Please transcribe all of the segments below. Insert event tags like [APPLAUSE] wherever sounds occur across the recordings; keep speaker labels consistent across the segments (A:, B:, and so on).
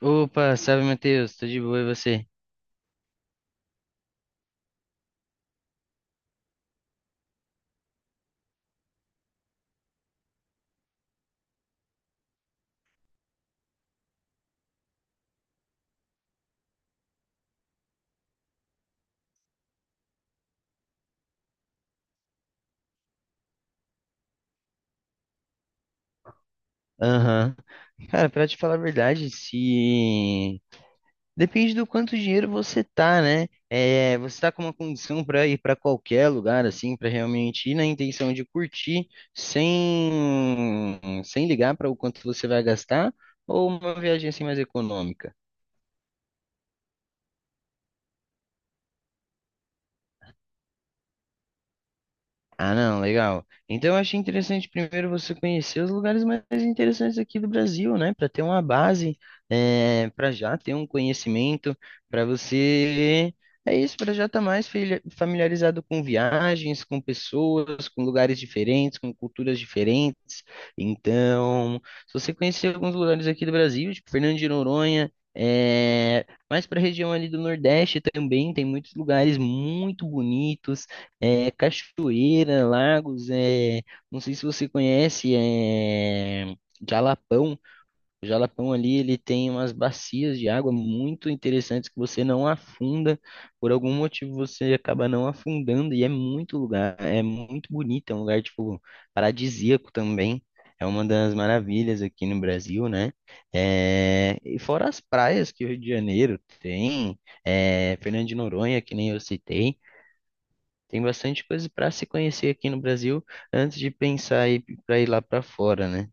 A: Opa, salve Matheus, tô de boa e você? Aham. Cara, pra te falar a verdade, se. Depende do quanto dinheiro você tá, né? É, você tá com uma condição pra ir pra qualquer lugar, assim, pra realmente ir na intenção de curtir, sem ligar pra o quanto você vai gastar, ou uma viagem assim mais econômica? Ah, não, legal. Então eu achei interessante primeiro você conhecer os lugares mais interessantes aqui do Brasil, né? Para ter uma base, para já ter um conhecimento, para você. É isso, para já estar mais familiarizado com viagens, com pessoas, com lugares diferentes, com culturas diferentes. Então, se você conhecer alguns lugares aqui do Brasil, tipo Fernando de Noronha, mais para a região ali do Nordeste também, tem muitos lugares muito bonitos, é, cachoeira, lagos, não sei se você conhece, Jalapão. O Jalapão ali, ele tem umas bacias de água muito interessantes que você não afunda. Por algum motivo você acaba não afundando e é muito lugar, é muito bonito, é um lugar tipo paradisíaco também. É uma das maravilhas aqui no Brasil, né? É, e fora as praias que o Rio de Janeiro tem, é, Fernando de Noronha, que nem eu citei. Tem bastante coisa para se conhecer aqui no Brasil antes de pensar ir para ir lá para fora, né?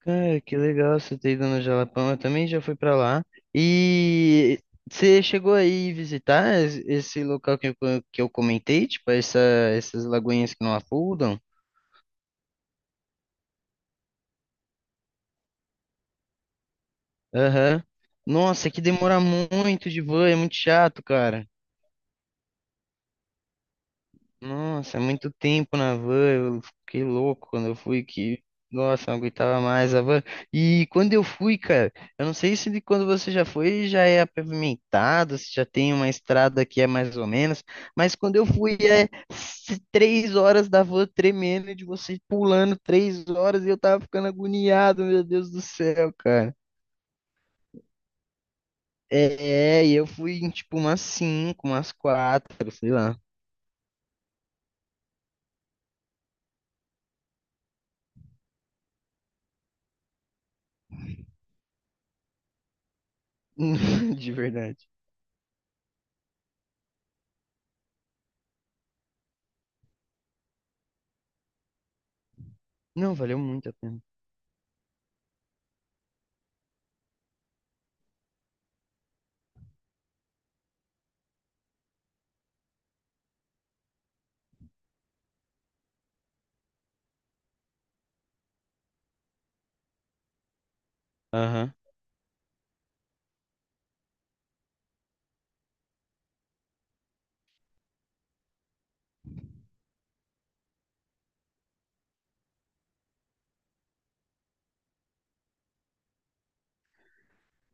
A: Cara, que legal você ter ido no Jalapão. Eu também já fui para lá. E você chegou aí visitar esse local que eu, que eu comentei, tipo essa, essas lagoinhas que não afundam? Aham. Nossa, é que demora muito de van, é muito chato, cara. Nossa, é muito tempo na van, eu fiquei louco quando eu fui que, nossa, não aguentava mais a van. E quando eu fui, cara, eu não sei se de quando você já foi já é pavimentado, se já tem uma estrada que é mais ou menos, mas quando eu fui é 3 horas da van tremendo e de você pulando 3 horas e eu tava ficando agoniado, meu Deus do céu, cara. É, e eu fui em tipo umas cinco, umas quatro, sei lá, [LAUGHS] de verdade. Não, valeu muito a pena.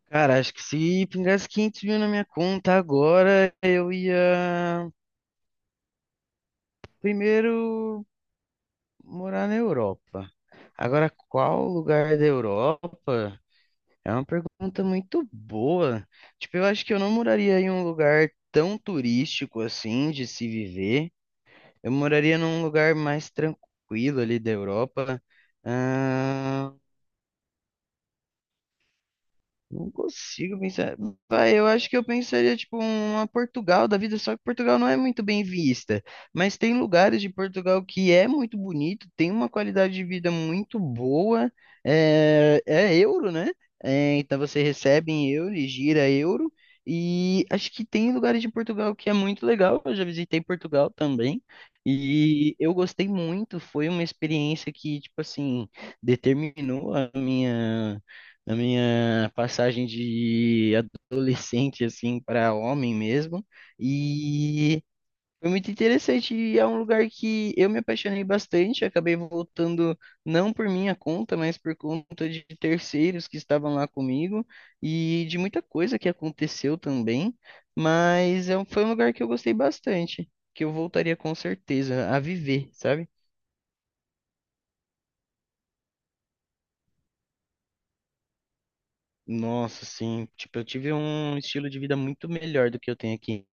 A: Cara, acho que se pingasse 500 mil na minha conta agora, eu ia primeiro morar na Europa. Agora, qual lugar da Europa? É uma pergunta muito boa. Tipo, eu acho que eu não moraria em um lugar tão turístico assim de se viver. Eu moraria num lugar mais tranquilo ali da Europa. Não consigo pensar. Vai, eu acho que eu pensaria, tipo, uma Portugal da vida, só que Portugal não é muito bem vista. Mas tem lugares de Portugal que é muito bonito, tem uma qualidade de vida muito boa. É, é euro, né? É, então você recebe em euro e gira euro. E acho que tem lugares de Portugal que é muito legal. Eu já visitei Portugal também. E eu gostei muito. Foi uma experiência que, tipo assim, determinou a minha na minha passagem de adolescente assim para homem mesmo e foi muito interessante e é um lugar que eu me apaixonei bastante, acabei voltando não por minha conta, mas por conta de terceiros que estavam lá comigo e de muita coisa que aconteceu também, mas foi um lugar que eu gostei bastante, que eu voltaria com certeza a viver, sabe? Nossa, sim, tipo, eu tive um estilo de vida muito melhor do que eu tenho aqui.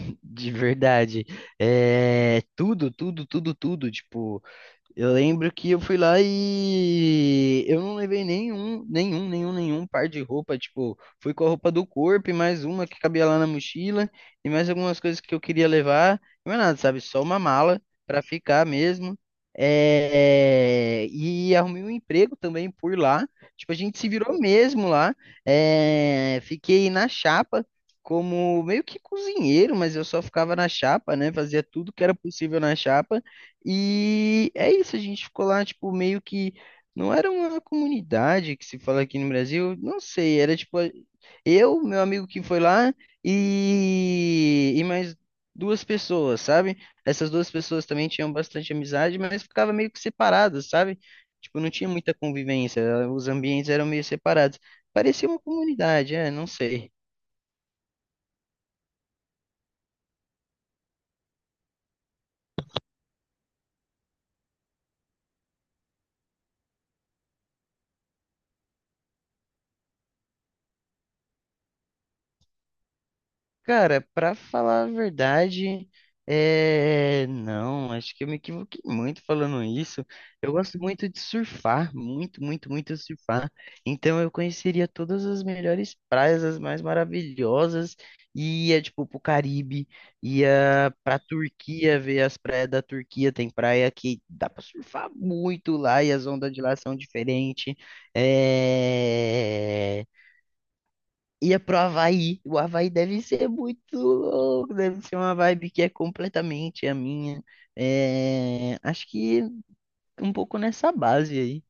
A: [LAUGHS] De verdade. É, tudo, tudo, tudo, tudo. Tipo, eu lembro que eu fui lá e eu não levei nenhum par de roupa. Tipo, fui com a roupa do corpo e mais uma que cabia lá na mochila e mais algumas coisas que eu queria levar. Não é nada, sabe? Só uma mala pra ficar mesmo. É, e arrumei um emprego também por lá. Tipo, a gente se virou mesmo lá. É, fiquei na chapa. Como meio que cozinheiro, mas eu só ficava na chapa, né? Fazia tudo que era possível na chapa. E é isso, a gente ficou lá, tipo, meio que. Não era uma comunidade que se fala aqui no Brasil, não sei, era tipo eu, meu amigo que foi lá e mais duas pessoas, sabe? Essas duas pessoas também tinham bastante amizade, mas ficava meio que separadas, sabe? Tipo, não tinha muita convivência, os ambientes eram meio separados. Parecia uma comunidade, é, não sei. Cara, pra falar a verdade, não, acho que eu me equivoquei muito falando isso. Eu gosto muito de surfar, muito, muito, muito surfar. Então eu conheceria todas as melhores praias, as mais maravilhosas, e ia tipo pro Caribe, ia pra Turquia, ver as praias da Turquia. Tem praia que dá pra surfar muito lá e as ondas de lá são diferentes. É, ia pro Havaí. O Havaí deve ser muito louco, deve ser uma vibe que é completamente a minha. É, acho que um pouco nessa base aí.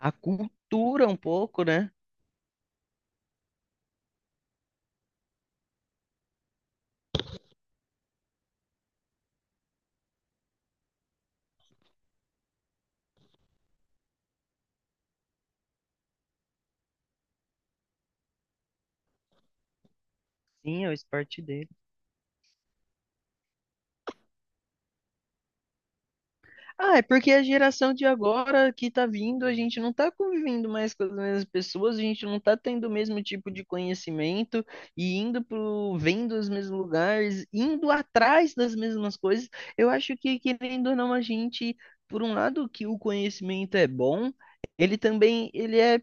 A: A cultura um pouco, né? Sim, é o esporte dele. Ah, é porque a geração de agora que tá vindo, a gente não tá convivendo mais com as mesmas pessoas, a gente não tá tendo o mesmo tipo de conhecimento e indo pro, vendo os mesmos lugares, indo atrás das mesmas coisas. Eu acho que, querendo ou não, a gente, por um lado, que o conhecimento é bom, ele também, ele é,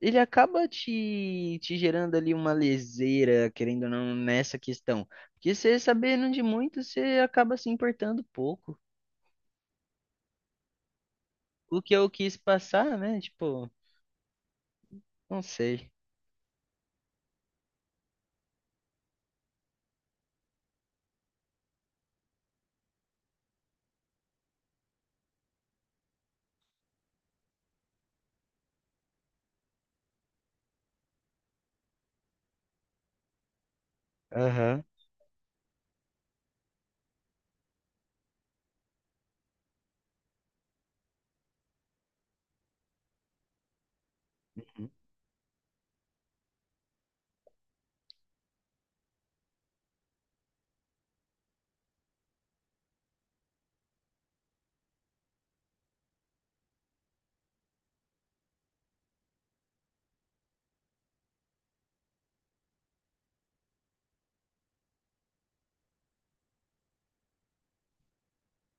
A: ele acaba te, te gerando ali uma leseira, querendo ou não, nessa questão. Porque você sabendo de muito, você acaba se importando pouco. O que eu quis passar, né? Tipo, não sei. Aham.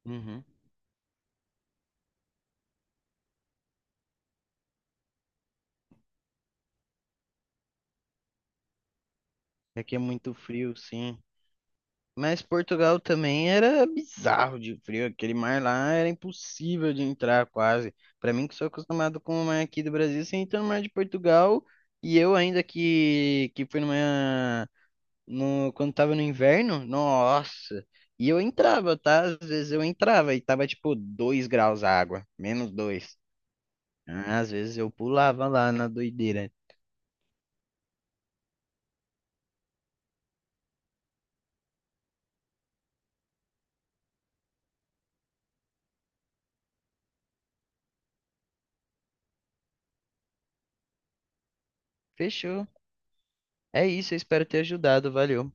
A: Uhum. É que é muito frio, sim. Mas Portugal também era bizarro de frio. Aquele mar lá era impossível de entrar quase. Pra mim, que sou acostumado com o mar aqui do Brasil, você entra no mar de Portugal. E eu ainda que fui numa. No, quando tava no inverno, nossa. E eu entrava, tá? Às vezes eu entrava e tava tipo 2 graus a água, -2. Às vezes eu pulava lá na doideira. Fechou. É isso, eu espero ter ajudado. Valeu.